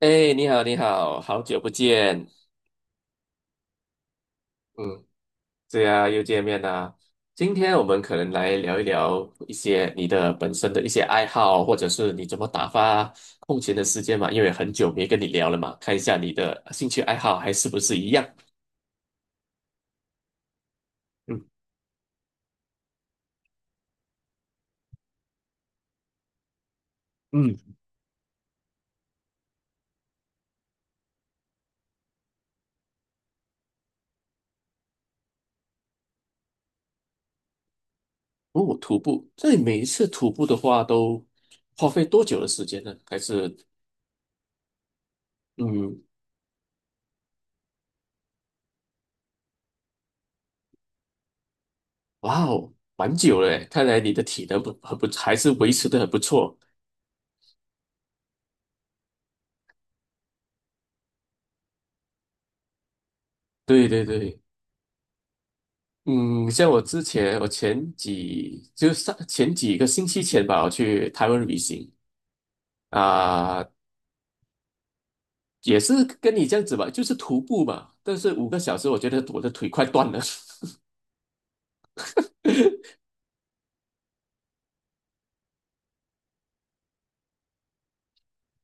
哎，你好，你好。好久不见。嗯，对啊，又见面啦。今天我们可能来聊一聊一些你的本身的一些爱好，或者是你怎么打发空闲的时间嘛，因为很久没跟你聊了嘛，看一下你的兴趣爱好还是不是一样。嗯嗯。哦，徒步，这里每一次徒步的话都花费多久的时间呢？还是嗯，哇哦，蛮久了诶，看来你的体能不很不还是维持的很不错。对对对。嗯，像我之前，我前几个星期前吧，我去台湾旅行。啊、也是跟你这样子吧，就是徒步嘛，但是5个小时，我觉得我的腿快断了。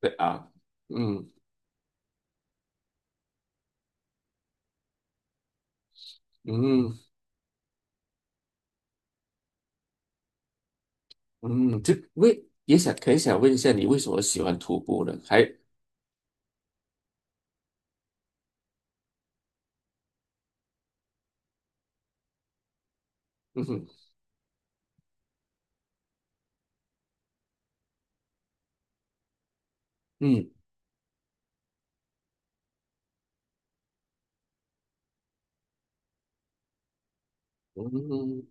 对啊。嗯嗯嗯。就为也想很想问一下你为什么喜欢徒步呢？嗯哼。嗯嗯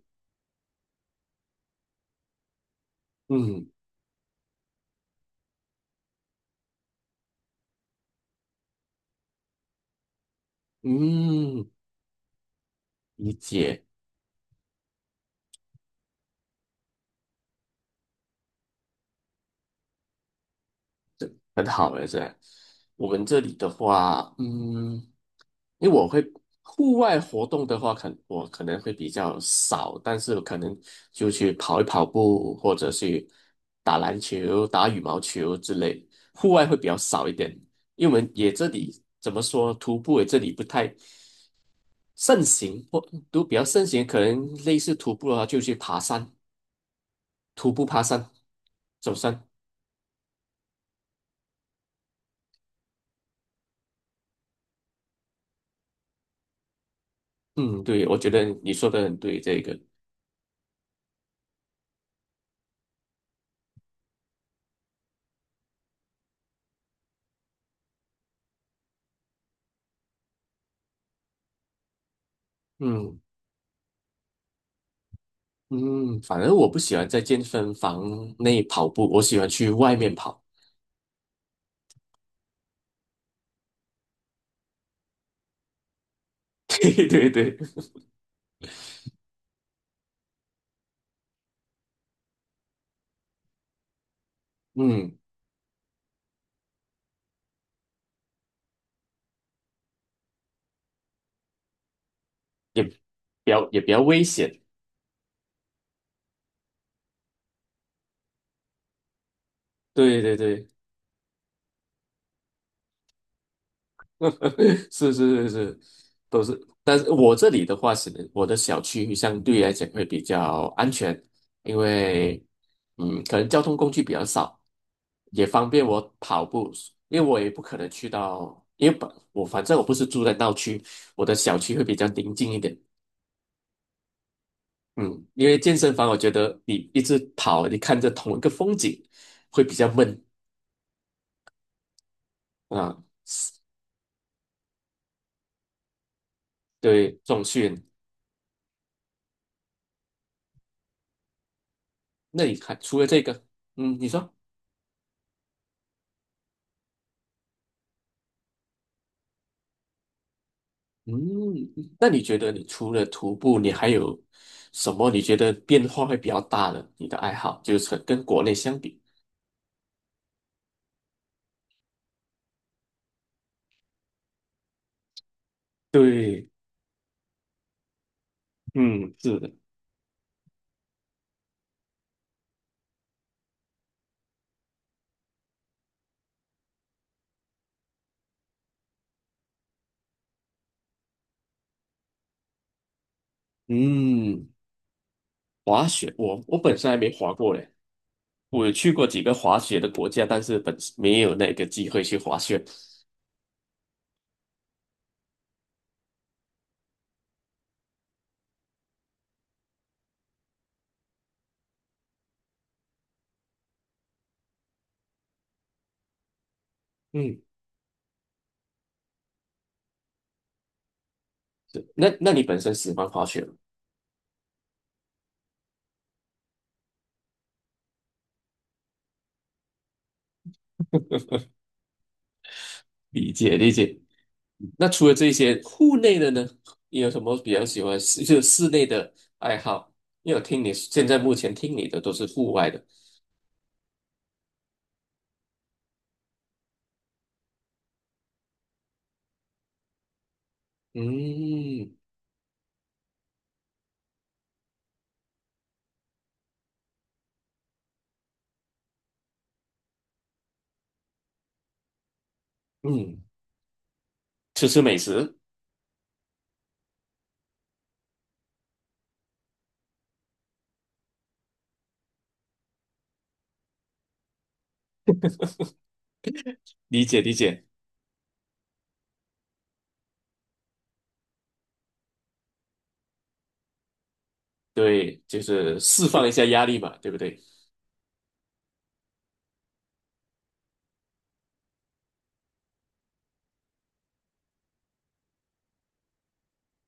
嗯嗯。理解。很好了，是吧。我们这里的话，嗯。因为户外活动的话，可能会比较少，但是可能就去跑一跑步，或者去打篮球、打羽毛球之类，户外会比较少一点。因为我们也这里怎么说，徒步也这里不太盛行，或都比较盛行，可能类似徒步的话，就去爬山，徒步爬山、走山。嗯，对，我觉得你说的很对，这个，嗯。嗯，反正我不喜欢在健身房内跑步，我喜欢去外面跑。对对对。嗯，也比也比较危险。对对对。是是是是，都是。但是我这里的话是，我的小区相对来讲会比较安全，因为嗯，可能交通工具比较少，也方便我跑步。因为我也不可能去到，因为反正我不是住在闹区，我的小区会比较宁静一点。嗯，因为健身房，我觉得你一直跑，你看着同一个风景，会比较闷啊。对，这种训练。那你看，除了这个，嗯，你说，嗯，那你觉得你除了徒步，你还有什么你觉得变化会比较大的？你的爱好就是跟国内相比，对，嗯，是的，嗯，滑雪，我本身还没滑过嘞，我有去过几个滑雪的国家，但是本没有那个机会去滑雪，嗯。对，那你本身喜欢滑雪吗？理解理解。那除了这些户内的呢，你有什么比较喜欢就是室内的爱好？因为我听你现在目前听你的都是户外的，嗯嗯，吃吃美食。理解理解。对，就是释放一下压力嘛，对不对？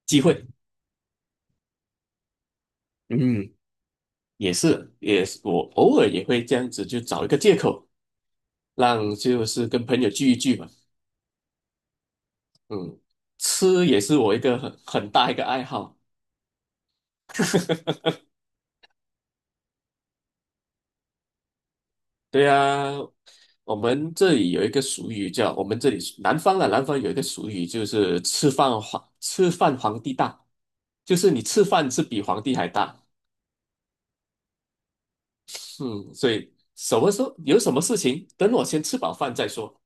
机会，嗯，也是也是，我偶尔也会这样子，就找一个借口，就是跟朋友聚一聚嘛，嗯，吃也是我一个很大一个爱好。对啊，我们这里有一个俗语叫，我们这里南方有一个俗语，就是吃饭皇帝大，就是你吃饭是比皇帝还大。嗯，所以什么时候有什么事情，等我先吃饱饭再说。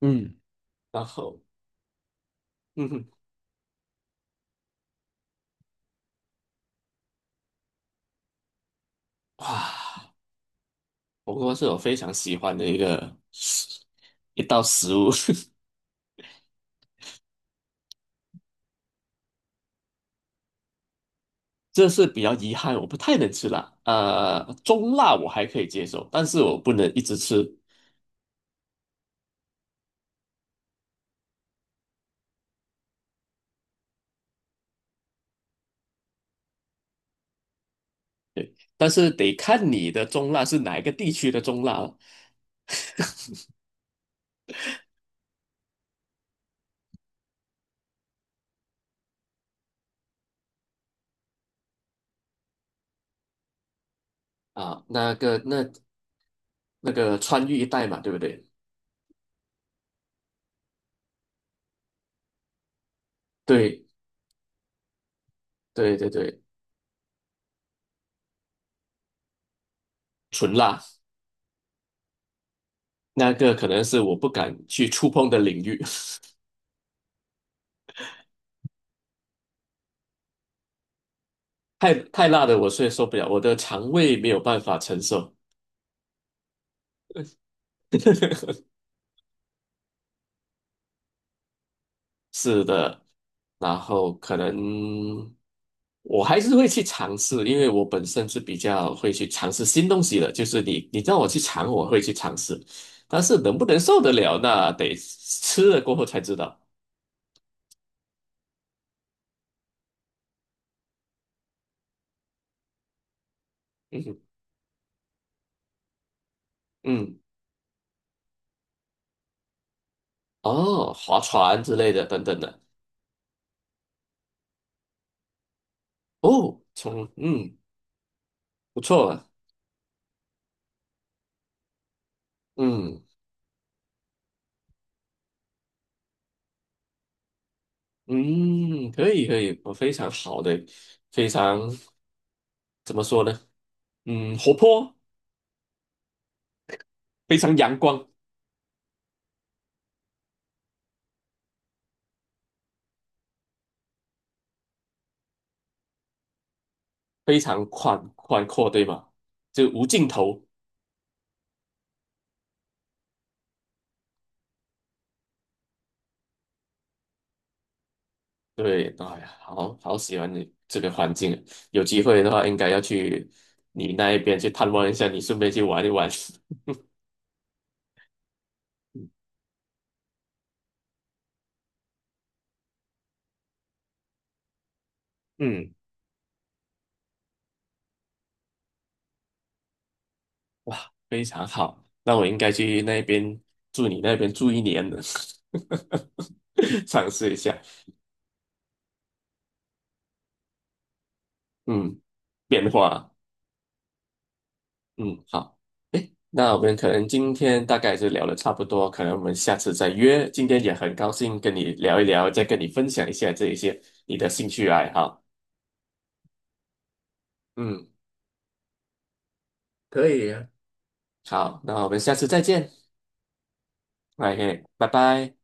嗯，然后，嗯哼，哇，火锅是我非常喜欢的一道食物，这是比较遗憾，我不太能吃辣。中辣我还可以接受，但是我不能一直吃。但是得看你的中辣是哪一个地区的中辣了。啊，那个川渝一带嘛，对不对？对对对对。纯辣那个可能是我不敢去触碰的领域，太辣的我是受不了，我的肠胃没有办法承受。是的，然后可能我还是会去尝试，因为我本身是比较会去尝试新东西的，就是你让我去尝，我会去尝试，但是能不能受得了，那得吃了过后才知道。嗯哼嗯，哦，划船之类的等等的，哦，不错啊，嗯嗯，可以可以，我非常好的，非常怎么说呢？嗯，活泼，非常阳光。非常宽阔，对吧？就无尽头。对，哎呀，好好喜欢你这个环境啊，有机会的话应该要去你那一边去探望一下，你顺便去玩一玩。嗯，哇，非常好，那我应该去那边住你那边住一年的，尝试一下，嗯，变化，嗯，好。那我们可能今天大概是聊的差不多，可能我们下次再约。今天也很高兴跟你聊一聊，再跟你分享一下这一些你的兴趣爱好。嗯，可以啊，好，那我们下次再见。OK,拜拜。